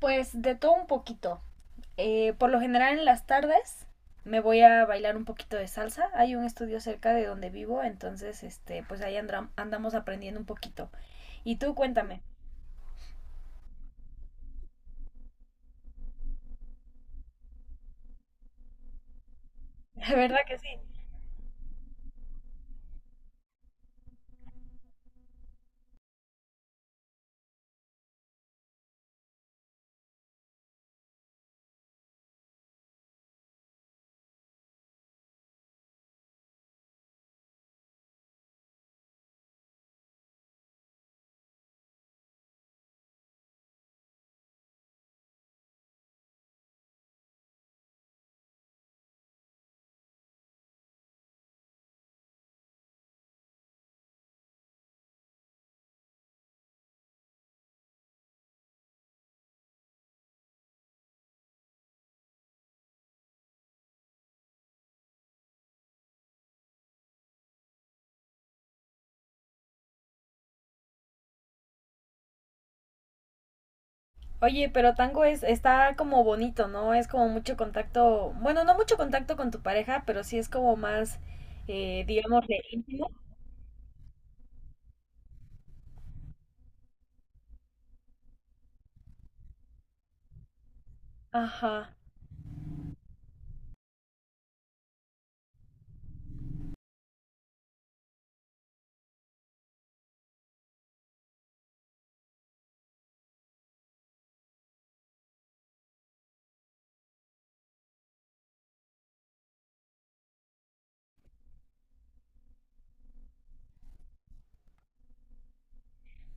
Pues de todo un poquito. Por lo general en las tardes me voy a bailar un poquito de salsa. Hay un estudio cerca de donde vivo, entonces este, pues ahí andamos aprendiendo un poquito. Y tú cuéntame, de verdad que sí. Oye, pero tango es, está como bonito, ¿no? Es como mucho contacto, bueno, no mucho contacto con tu pareja, pero sí es como más, digamos, de íntimo. Ajá.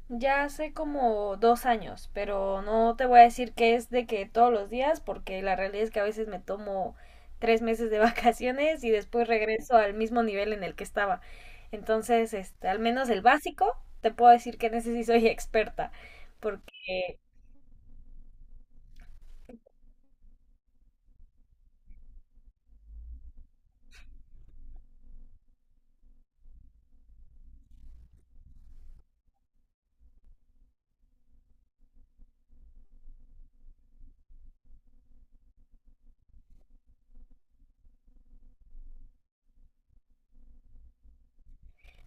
Ya hace como 2 años, pero no te voy a decir que es de que todos los días, porque la realidad es que a veces me tomo 3 meses de vacaciones y después regreso al mismo nivel en el que estaba. Entonces, este, al menos el básico, te puedo decir que en ese sí soy experta, porque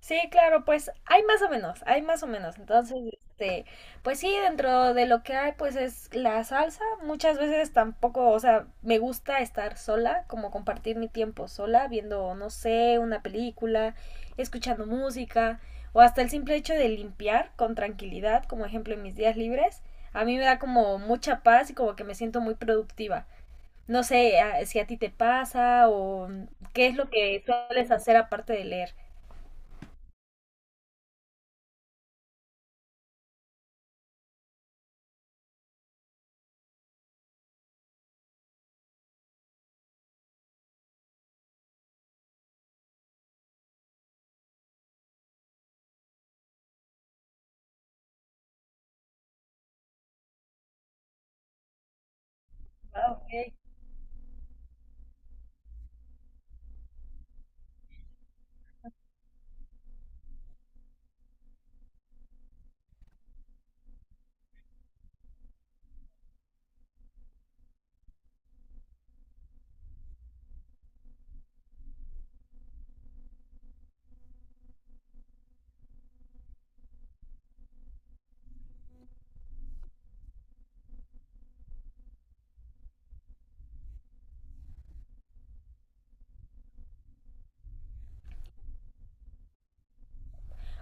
sí, claro, pues hay más o menos, hay más o menos. Entonces, este, pues sí, dentro de lo que hay, pues es la salsa. Muchas veces tampoco, o sea, me gusta estar sola, como compartir mi tiempo sola, viendo, no sé, una película, escuchando música, o hasta el simple hecho de limpiar con tranquilidad, como ejemplo en mis días libres. A mí me da como mucha paz y como que me siento muy productiva. No sé si a ti te pasa o qué es lo que sueles hacer aparte de leer. Ah, ok.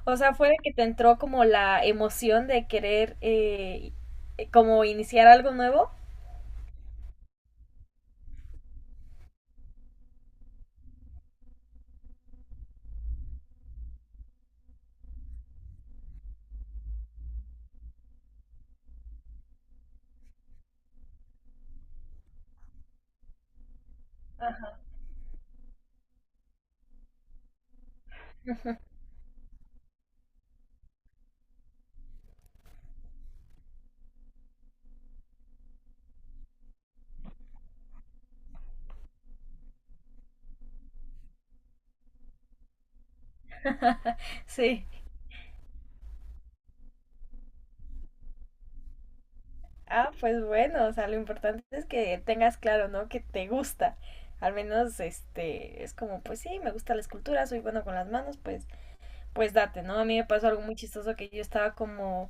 O sea, fue de que te entró como la emoción de querer como iniciar algo nuevo. Sí. Ah, pues bueno, o sea, lo importante es que tengas claro, ¿no? Que te gusta. Al menos, este, es como, pues sí, me gusta la escultura, soy bueno con las manos, pues, pues date, ¿no? A mí me pasó algo muy chistoso que yo estaba como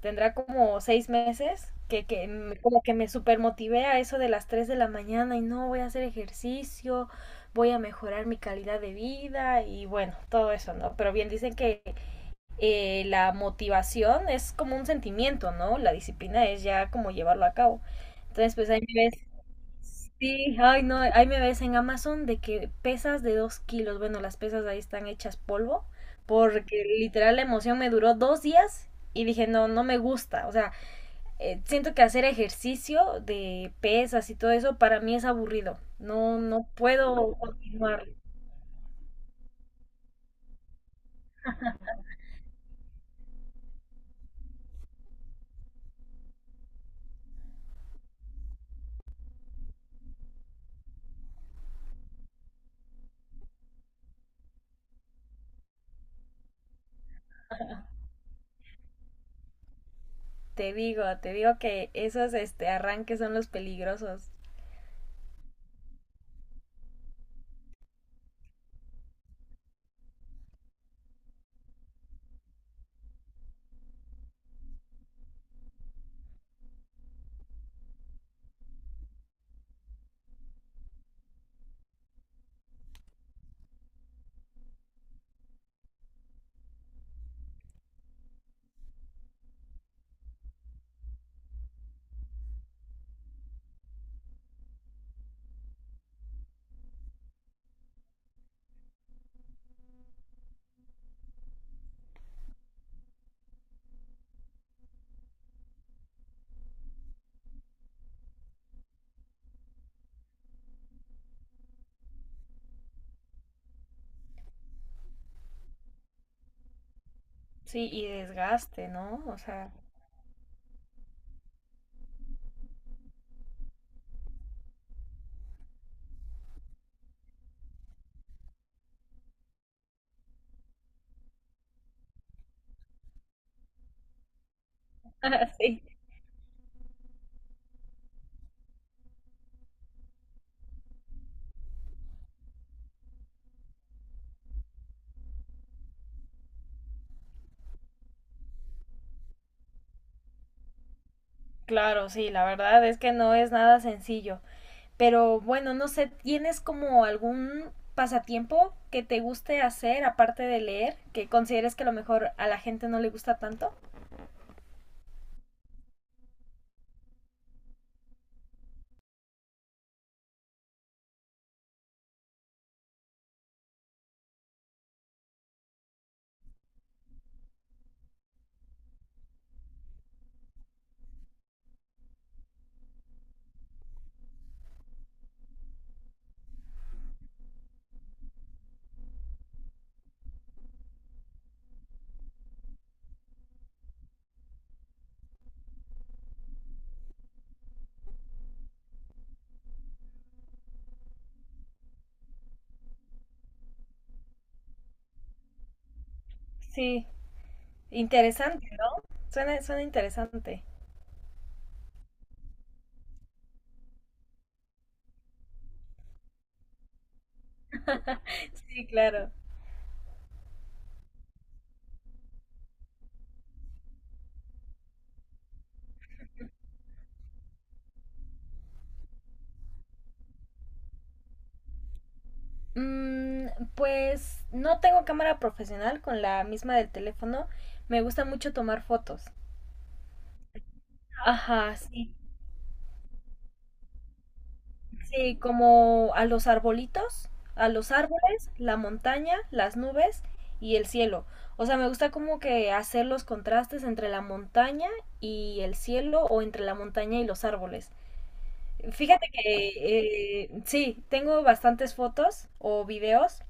tendrá como 6 meses que, como que me super a eso de las 3 de la mañana y no voy a hacer ejercicio, voy a mejorar mi calidad de vida y bueno, todo eso, ¿no? Pero bien dicen que la motivación es como un sentimiento, ¿no? La disciplina es ya como llevarlo a cabo. Entonces, pues ahí me ves sí, ay no, ahí me ves en Amazon de que pesas de 2 kilos, bueno, las pesas ahí están hechas polvo, porque literal la emoción me duró 2 días y dije, no, no me gusta, o sea, siento que hacer ejercicio de pesas y todo eso para mí es aburrido, no, no puedo continuar, te digo que esos este, arranques son los peligrosos, sí, y desgaste, ¿no? O sea, sí, claro, sí, la verdad es que no es nada sencillo. Pero bueno, no sé, ¿tienes como algún pasatiempo que te guste hacer aparte de leer, que consideres que a lo mejor a la gente no le gusta tanto? Sí, interesante, ¿no? Suena, suena interesante. Sí, claro. Mm, pues no tengo cámara profesional con la misma del teléfono. Me gusta mucho tomar fotos. Ajá, sí. Sí, como a los arbolitos, a los árboles, la montaña, las nubes y el cielo. O sea, me gusta como que hacer los contrastes entre la montaña y el cielo o entre la montaña y los árboles. Fíjate que sí, tengo bastantes fotos o videos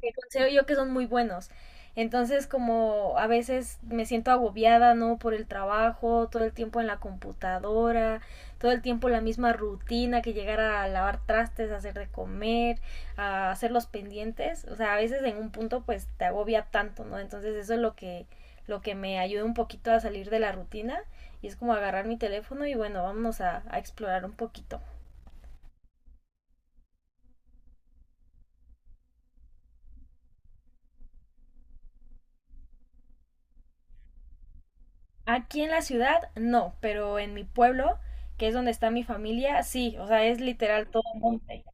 que considero yo que son muy buenos. Entonces, como a veces me siento agobiada, ¿no? Por el trabajo, todo el tiempo en la computadora, todo el tiempo la misma rutina que llegar a lavar trastes, a hacer de comer, a hacer los pendientes. O sea, a veces en un punto pues te agobia tanto, ¿no? Entonces eso es lo que me ayuda un poquito a salir de la rutina y es como agarrar mi teléfono y bueno, vámonos a explorar un poquito. Aquí en la ciudad no, pero en mi pueblo, que es donde está mi familia, sí, o sea, es literal todo monte.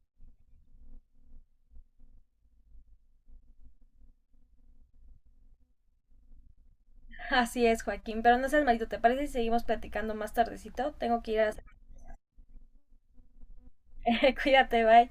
Así es, Joaquín, pero no seas malito, ¿te parece si seguimos platicando más tardecito? Tengo que ir a... Cuídate, bye.